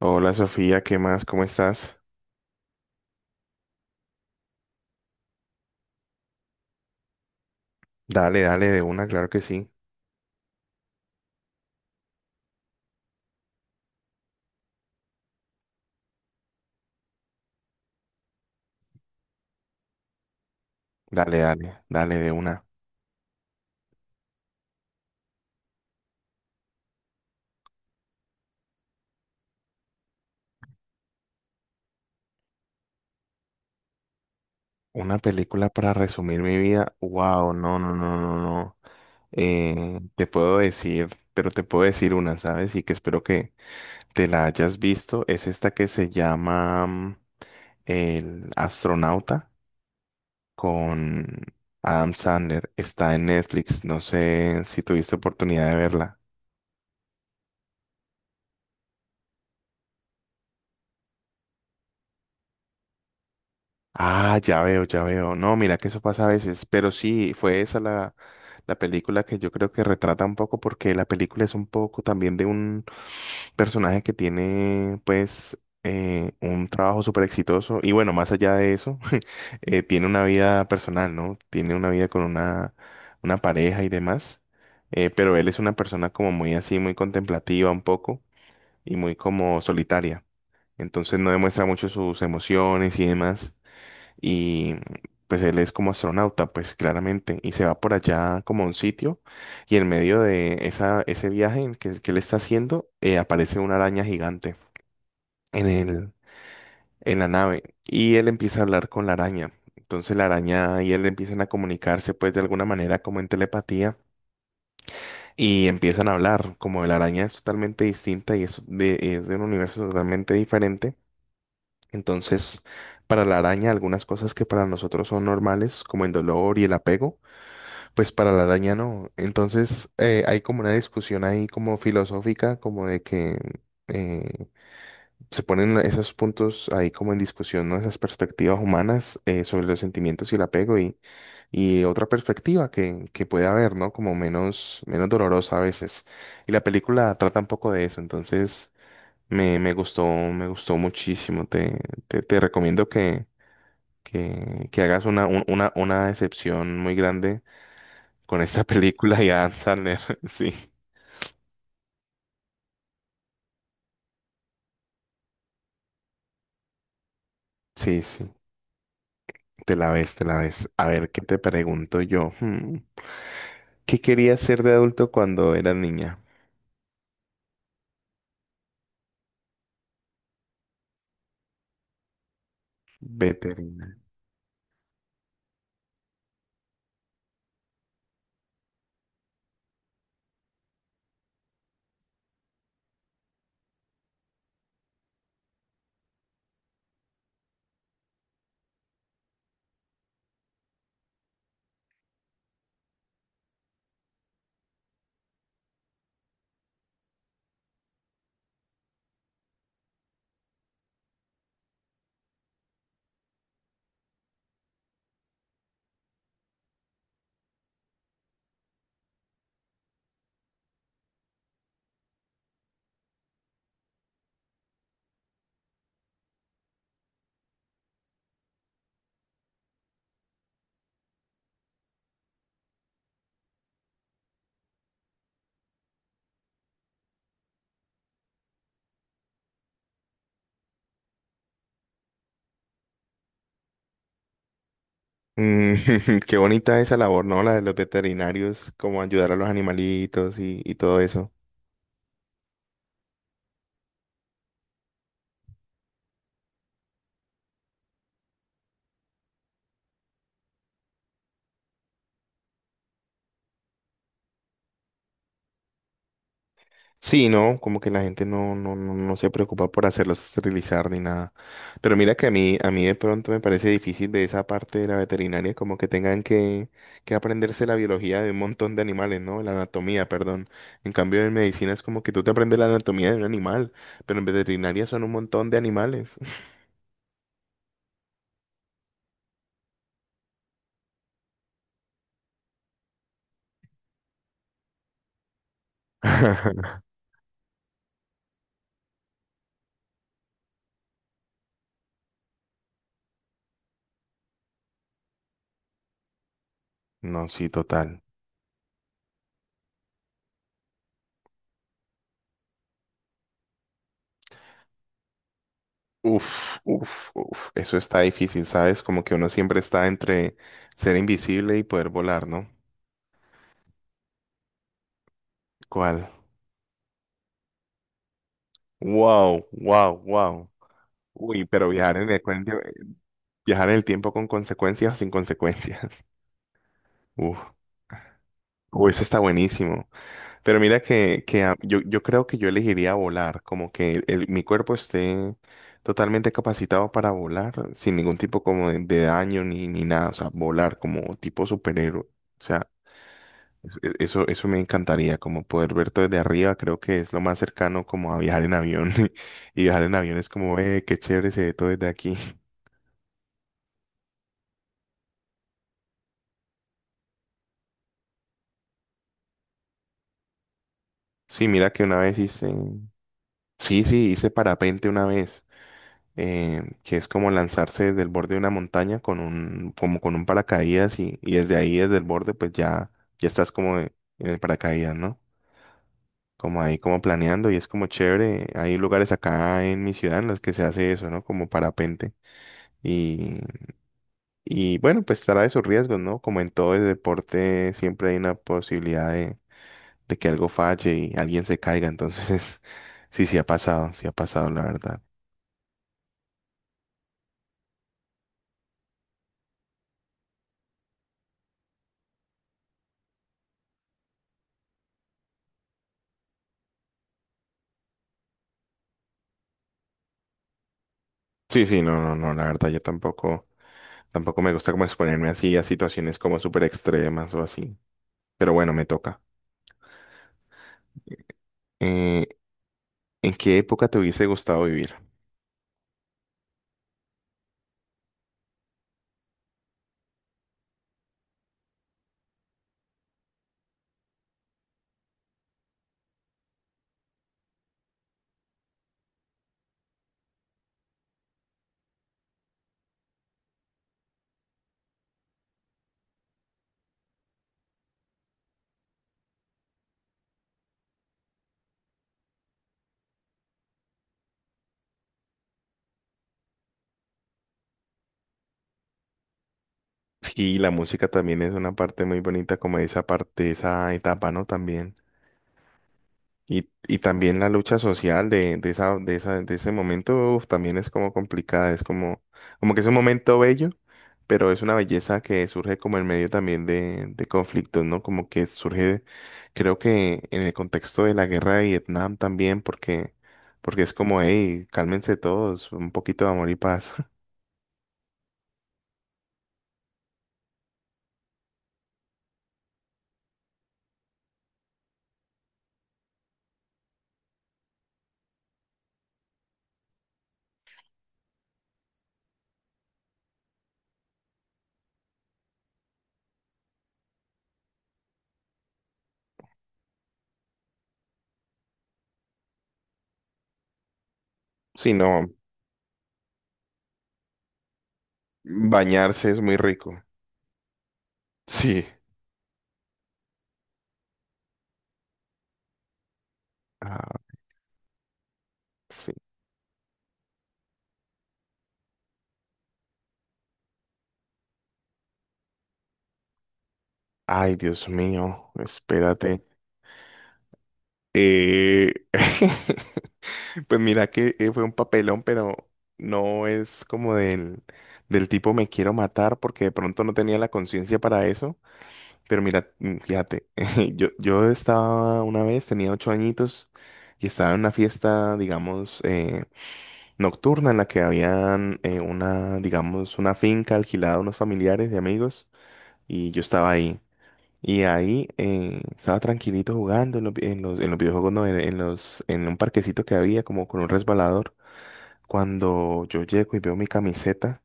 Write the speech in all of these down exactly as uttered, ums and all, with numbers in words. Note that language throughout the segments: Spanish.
Hola Sofía, ¿qué más? ¿Cómo estás? Dale, dale de una, claro que sí. Dale, dale, dale de una. Una película para resumir mi vida. Wow, no, no, no, no, no. Eh, te puedo decir, pero te puedo decir una, ¿sabes? Y que espero que te la hayas visto. Es esta que se llama mm, El astronauta con Adam Sandler. Está en Netflix. No sé si tuviste oportunidad de verla. Ah, ya veo, ya veo. No, mira que eso pasa a veces, pero sí, fue esa la, la película que yo creo que retrata un poco porque la película es un poco también de un personaje que tiene pues eh, un trabajo súper exitoso y bueno, más allá de eso, eh, tiene una vida personal, ¿no? Tiene una vida con una, una pareja y demás, eh, pero él es una persona como muy así, muy contemplativa un poco y muy como solitaria. Entonces no demuestra mucho sus emociones y demás y pues él es como astronauta, pues claramente, y se va por allá como a un sitio y en medio de esa, ese viaje en que, que él está haciendo eh, aparece una araña gigante en el, en la nave y él empieza a hablar con la araña. Entonces la araña y él empiezan a comunicarse pues de alguna manera como en telepatía y empiezan a hablar, como la araña es totalmente distinta y es de, es de un universo totalmente diferente. Entonces, para la araña, algunas cosas que para nosotros son normales, como el dolor y el apego, pues para la araña no. Entonces eh, hay como una discusión ahí como filosófica, como de que eh, se ponen la- esos puntos ahí como en discusión, ¿no? Esas perspectivas humanas eh, sobre los sentimientos y el apego y, y otra perspectiva que, que puede haber, ¿no? Como menos, menos dolorosa a veces. Y la película trata un poco de eso, entonces me, me gustó, me gustó muchísimo. Te, te, te recomiendo que, que, que hagas una, un- una, una excepción muy grande con esta película y Adam Sandler, sí. Sí, sí, te la ves, te la ves. A ver, ¿qué te pregunto yo? Hmm, ¿Qué querías ser de adulto cuando eras niña? Veterinario. Mm, qué bonita esa labor, ¿no? La de los veterinarios, como ayudar a los animalitos y, y todo eso. Sí, no, como que la gente no, no, no, no se preocupa por hacerlos esterilizar ni nada. Pero mira que a mí, a mí de pronto me parece difícil de esa parte de la veterinaria, como que tengan que, que aprenderse la biología de un montón de animales, ¿no? La anatomía, perdón. En cambio, en medicina es como que tú te aprendes la anatomía de un animal, pero en veterinaria son un montón de animales. No, sí, total. Uf, uf, uf. Eso está difícil, ¿sabes? Como que uno siempre está entre ser invisible y poder volar, ¿no? ¿Cuál? Wow, wow, wow. Uy, pero viajar en el, cuen- viajar en el tiempo con consecuencias o sin consecuencias. Uf. Uy, eso está buenísimo. Pero mira que, que a- yo, yo creo que yo elegiría volar, como que el- mi cuerpo esté totalmente capacitado para volar, sin ningún tipo como de, de daño ni, ni nada. O sea, volar como tipo superhéroe. O sea, es- es- eso, eso me encantaría, como poder ver todo desde arriba, creo que es lo más cercano como a viajar en avión. Y viajar en avión es como, eh, qué chévere se ve todo desde aquí. Sí, mira que una vez hice, sí, sí, hice parapente una vez, eh, que es como lanzarse desde el borde de una montaña con un, como con un paracaídas y, y desde ahí, desde el borde, pues ya, ya estás como en el paracaídas, ¿no? Como ahí, como planeando y es como chévere. Hay lugares acá en mi ciudad en los que se hace eso, ¿no? Como parapente. Y, y bueno, pues trae sus riesgos, ¿no? Como en todo el deporte, siempre hay una posibilidad de que algo falle y alguien se caiga. Entonces, sí, sí ha pasado, sí ha pasado, la verdad. Sí, sí, no, no, no, la verdad, yo tampoco, tampoco me gusta como exponerme así a situaciones como súper extremas o así. Pero bueno, me toca. Eh, ¿en qué época te hubiese gustado vivir? Sí, la música también es una parte muy bonita, como esa parte, esa etapa, ¿no? También. Y, y también la lucha social de, de esa, de esa, de ese momento, uf, también es como complicada, es como, como que es un momento bello, pero es una belleza que surge como en medio también de, de conflictos, ¿no? Como que surge, creo que en el contexto de la guerra de Vietnam también, porque, porque es como, hey, cálmense todos, un poquito de amor y paz. Sí, no, bañarse es muy rico. Sí. Ah, sí. Ay, Dios mío, espérate. Eh... Pues mira que eh, fue un papelón, pero no es como del, del tipo me quiero matar porque de pronto no tenía la conciencia para eso. Pero mira, mm, fíjate, yo, yo estaba una vez, tenía ocho añitos y estaba en una fiesta, digamos, eh, nocturna en la que habían eh, una, digamos, una finca alquilada a unos familiares y amigos y yo estaba ahí. Y ahí eh, estaba tranquilito jugando en los, vi- en los, en los, videojuegos, no, en, en los, en un parquecito que había como con un resbalador cuando yo llego y veo mi camiseta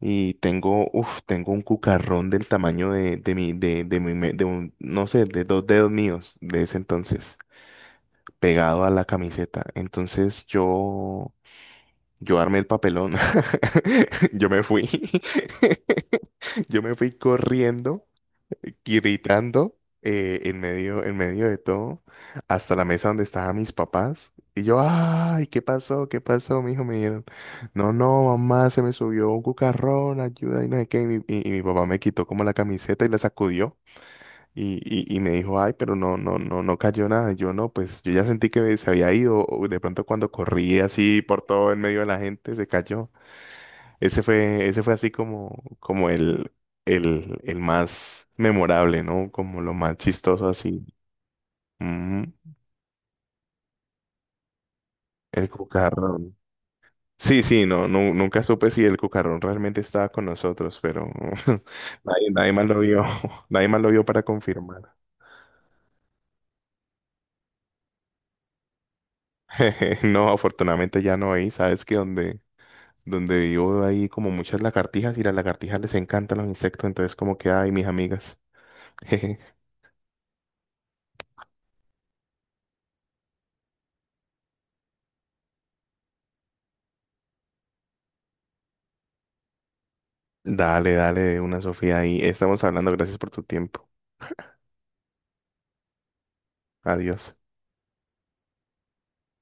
y tengo, uf, tengo un cucarrón del tamaño de, de mi, de, de mi, me- de un, no sé, de dos dedos míos de ese entonces, pegado a la camiseta. Entonces yo, yo armé el papelón. Yo me fui. Yo me fui corriendo gritando eh, en medio, en medio de todo, hasta la mesa donde estaban mis papás. Y yo, ay, ¿qué pasó? ¿Qué pasó? Mi hijo me dijeron, no, no, mamá, se me subió un cucarrón, ayuda, y no sé qué. Y mi, y- y mi papá me quitó como la camiseta y la sacudió. Y, y, y me dijo, ay, pero no, no, no, no cayó nada. Y yo no, pues yo ya sentí que se había ido. O de pronto cuando corrí así por todo en medio de la gente, se cayó. Ese fue, ese fue así como, como el, el, el más memorable, ¿no? Como lo más chistoso así. Ujú. El cucarrón. Sí, sí, no, nu- nunca supe si el cucarrón realmente estaba con nosotros, pero nadie, nadie más lo vio, nadie más lo vio para confirmar. No, afortunadamente ya no hay, sabes que donde, donde vivo hay como muchas lagartijas y las lagartijas les encantan los insectos, entonces como que, ay, mis amigas. Dale, dale, una Sofía ahí. Estamos hablando, gracias por tu tiempo. Adiós.